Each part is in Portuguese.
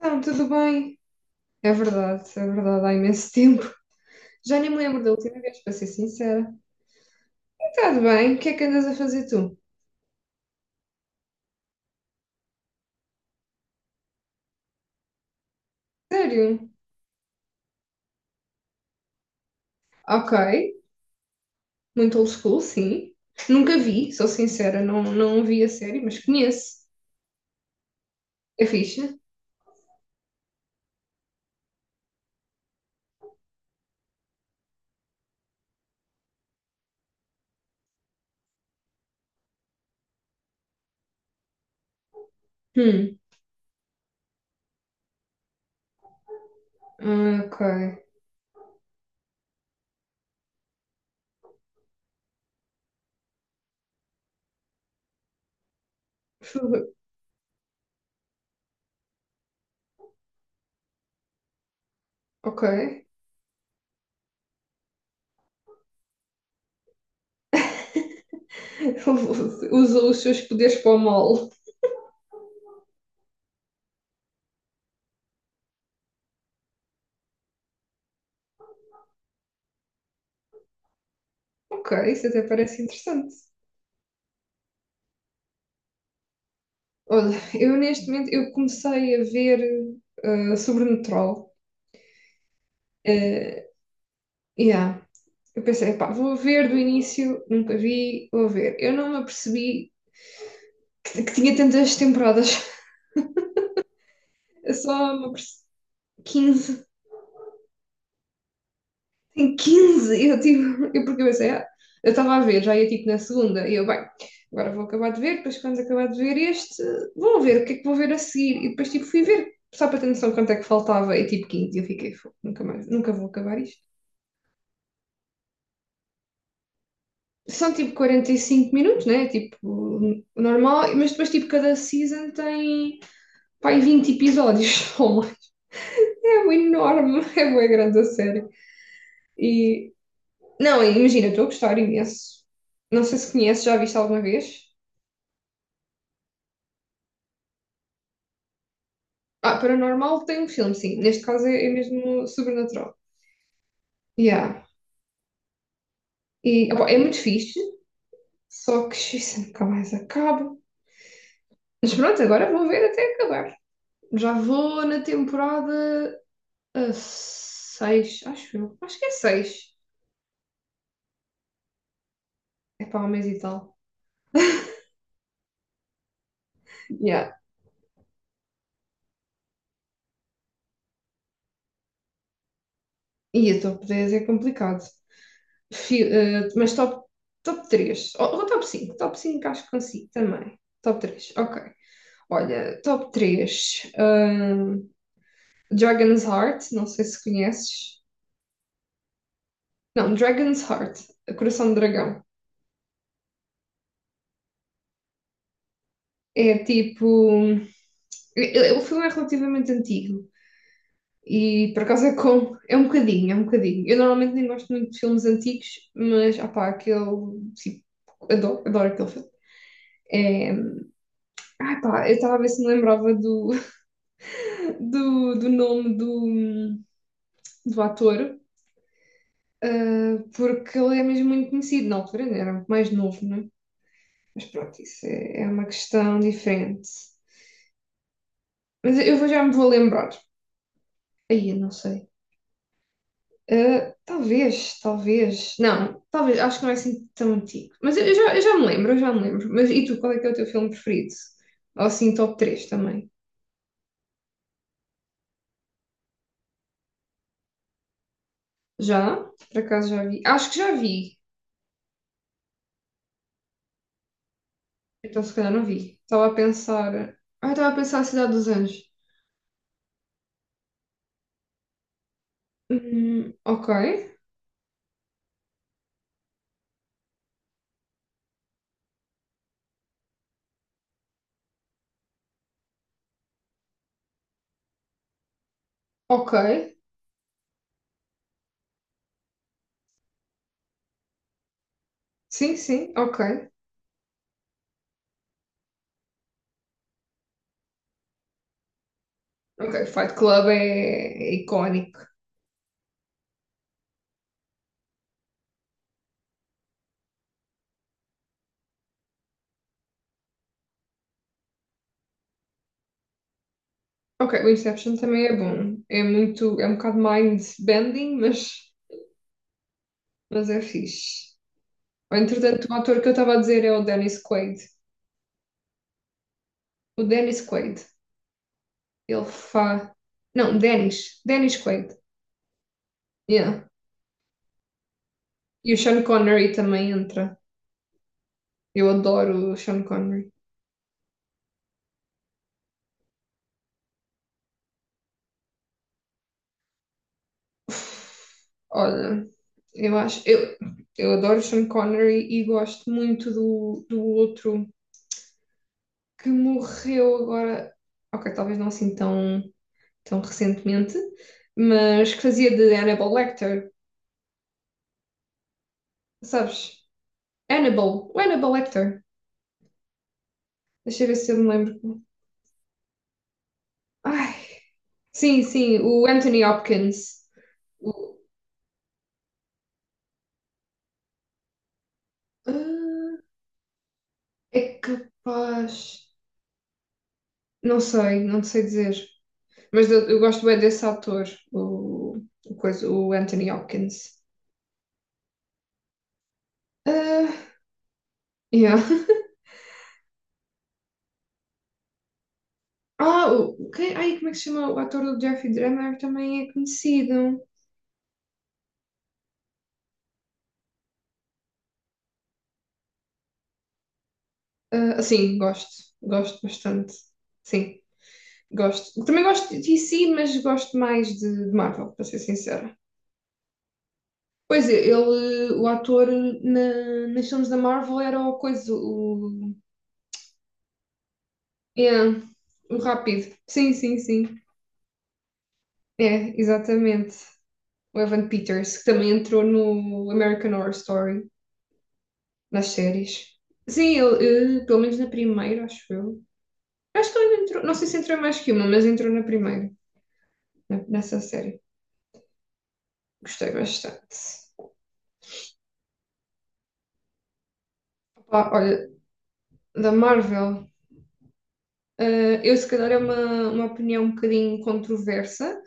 Não, tudo bem. É verdade, há imenso tempo. Já nem me lembro da última vez, para ser sincera. E está bem, o que é que andas a fazer tu? Sério? Ok, muito old school, sim. Nunca vi, sou sincera, não vi a série, mas conheço. É fixe? Hum, ok. Fu- Ok. Usou os seus poderes para o mal. Ok, isso até parece interessante. Olha, eu neste momento eu comecei a ver Sobrenatural. Uh, Eu pensei, pá, vou ver do início, nunca vi, vou ver. Eu não me apercebi que tinha tantas temporadas. Eu só me apercebi. 15. Tem 15! Eu tipo, eu porque eu pensei, eu estava a ver, já ia tipo na segunda, e eu, bem, agora vou acabar de ver, depois quando acabar de ver este, vou ver o que é que vou ver a seguir. E depois tipo fui ver, só para ter noção quanto é que faltava, e tipo 15 e eu fiquei, "Fogo, nunca mais, nunca vou acabar isto." São tipo 45 minutos, né? Tipo, normal, mas depois tipo cada season tem pai, 20 episódios. É um enorme, é uma grande a série. E, não, imagina, estou a gostar imenso. Não sei se conheces, já viste alguma vez? Ah, Paranormal tem um filme, sim. Neste caso é, mesmo sobrenatural. Yeah. E, opá, é muito fixe, só que isso nunca mais acaba. Mas pronto, agora vou ver até acabar. Já vou na temporada 6, acho eu. Acho que é seis. É para um mês e tal. Yeah. E a top 10 é complicado. Mas top, top três ou top cinco, top 5, acho que consigo também. Top 3 ok. Olha, top três, Dragon's Heart, não sei se conheces. Não, Dragon's Heart, Coração de Dragão. É tipo, o filme é relativamente antigo e por acaso é com, é um bocadinho, é um bocadinho. Eu normalmente nem gosto muito de filmes antigos, mas, ah pá, aquele, tipo, adoro, adoro aquele filme. É, ah pá, eu estava a ver se me lembrava do, nome do ator, porque ele é mesmo muito conhecido. Na altura ainda era muito mais novo, não é? Mas pronto, isso é uma questão diferente. Mas eu vou, já me vou lembrar. Aí, eu não sei. Ah, talvez, talvez. Não, talvez, acho que não é assim tão antigo. Mas eu já, eu já me lembro, eu já me lembro. Mas e tu, qual é que é o teu filme preferido? Ou assim, top 3 também. Já? Por acaso já vi? Acho que já vi. Então, se calhar não vi. Estava a pensar. Ah, estava a pensar a Cidade dos Anjos. Ok, ok. Sim, sim, ok. Ok, Fight Club é, icónico. Ok, o Inception também é bom. É muito, é um bocado mind-bending, mas é fixe. Entretanto, o ator que eu estava a dizer é o Dennis Quaid. O Dennis Quaid. Ele faz. Não, Dennis. Dennis Quaid. Yeah. E o Sean Connery também entra. Eu adoro o Sean Connery. Olha, eu acho, eu adoro Sean Connery e gosto muito do, outro que morreu agora, ok, talvez não assim tão recentemente, mas que fazia de Hannibal Lecter, sabes? Hannibal, o Hannibal Lecter. Deixa eu ver se eu me lembro. Ai, sim, sim, o Anthony Hopkins. O- ah, É capaz. Não sei, não sei dizer. Mas eu gosto bem desse ator, o, o, coisa, o Anthony Hopkins. Ah, yeah. Ah, o, quem, ai, como é que se chama? O ator do Jeffrey Dahmer também é conhecido. Ah, sim, gosto. Gosto bastante. Sim, gosto. Também gosto de DC, mas gosto mais de Marvel, para ser sincera. Pois é, ele, o ator na, nas filmes da Marvel era o coisa, o, yeah, o rápido. Sim, sim, sim. É, exatamente. O Evan Peters, que também entrou no American Horror Story, nas séries. Sim, ele, pelo menos na primeira, acho eu. Acho que ele entrou, não sei se entrou em mais que uma, mas entrou na primeira, nessa série. Gostei bastante. Opa, olha, da Marvel, eu se calhar é uma, opinião um bocadinho controversa,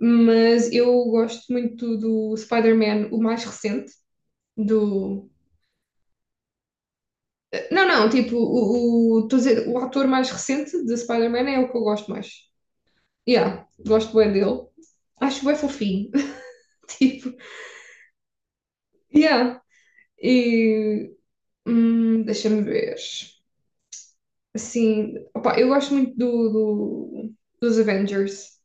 mas eu gosto muito do Spider-Man, o mais recente, do... Não, não, tipo, estou a dizer, o ator mais recente de Spider-Man é o que eu gosto mais. Yeah, gosto bem dele. Acho bem fofinho. Tipo, yeah. E deixa-me ver. Assim, opa, eu gosto muito dos Avengers,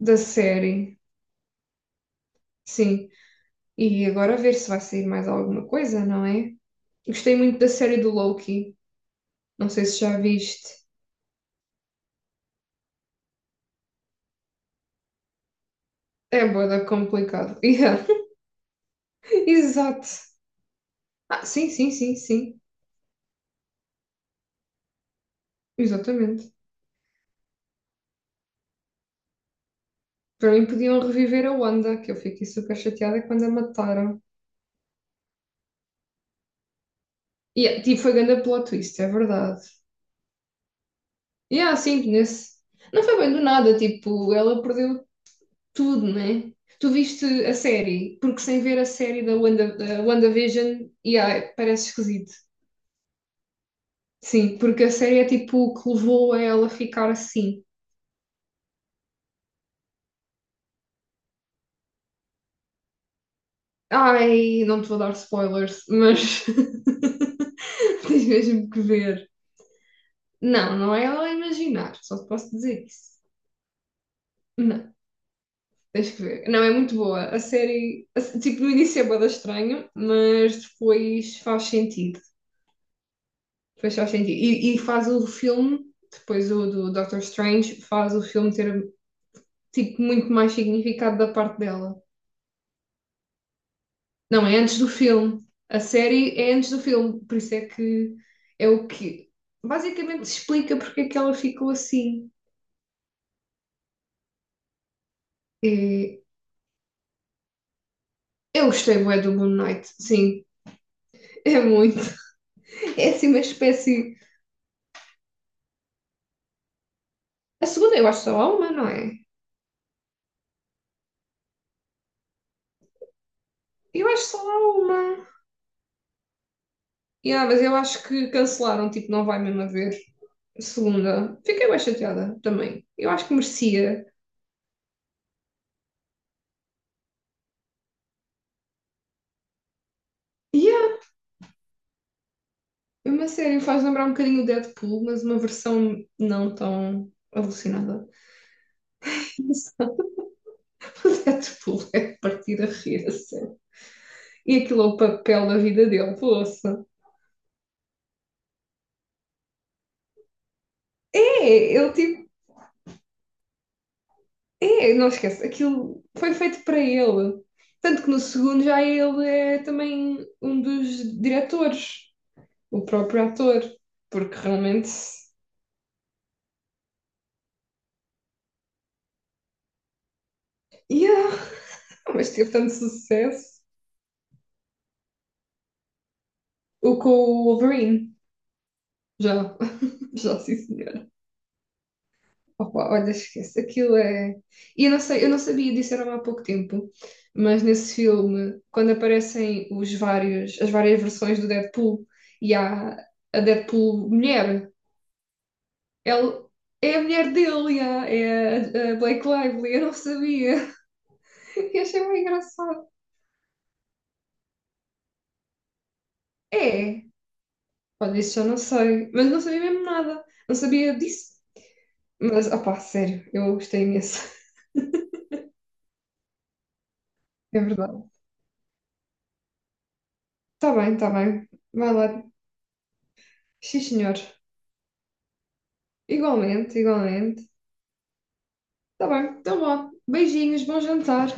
da série, sim. E agora a ver se vai sair mais alguma coisa, não é? Gostei muito da série do Loki. Não sei se já viste. É bué da complicado. Yeah. Exato. Ah, sim, sim, sim, sim. Exatamente. Para mim podiam reviver a Wanda, que eu fiquei super chateada quando a mataram. Yeah, tipo, foi grande plot twist, é verdade. Yeah, sim, nesse Não foi bem do nada, tipo, ela perdeu tudo, né? Tu viste a série, porque sem ver a série da, Wanda, da WandaVision, yeah, parece esquisito. Sim, porque a série é tipo o que levou a ela ficar assim. Ai, não te vou dar spoilers, mas tens mesmo que ver. Não, não é ela a imaginar, só te posso dizer isso. Não. Tens que ver. Não, é muito boa. A série, a se- tipo, no início é bué da estranho, mas depois faz sentido. Depois faz sentido. E faz o filme, depois o do Doctor Strange, faz o filme ter, tipo, muito mais significado da parte dela. Não, é antes do filme. A série é antes do filme, por isso é que é o que basicamente explica porque é que ela ficou assim. E eu gostei bué do Moon Knight, sim, é muito. É assim uma espécie. A segunda eu acho que só há uma, não é? Eu acho só há uma. Yeah, mas eu acho que cancelaram, tipo, não vai mesmo haver segunda. Fiquei bem chateada também. Eu acho que merecia. Yeah, é uma série faz lembrar um bocadinho o Deadpool, mas uma versão não tão alucinada. O Deadpool é de partir a rir, assim. E aquilo é o papel da vida dele, poça. É, ele tipo. É, não esquece, aquilo foi feito para ele. Tanto que no segundo já ele é também um dos diretores. O próprio ator, porque realmente. Yeah, mas teve tanto sucesso. O com o Wolverine, já. Já, sim, senhora. Opa, olha, esquece, aquilo é. E eu não sei, eu não sabia disso, era há pouco tempo, mas nesse filme, quando aparecem os vários, as várias versões do Deadpool e há a Deadpool mulher, ela é a mulher dele, é a, Blake Lively, eu não sabia. E achei bem engraçado. É, olha, isso eu não sei, mas não sabia mesmo nada, não sabia disso. Mas, opá, sério, eu gostei imenso, é verdade. Tá bem, vai lá, sim senhor. Igualmente, igualmente. Tá bem, então vá, beijinhos, bom jantar.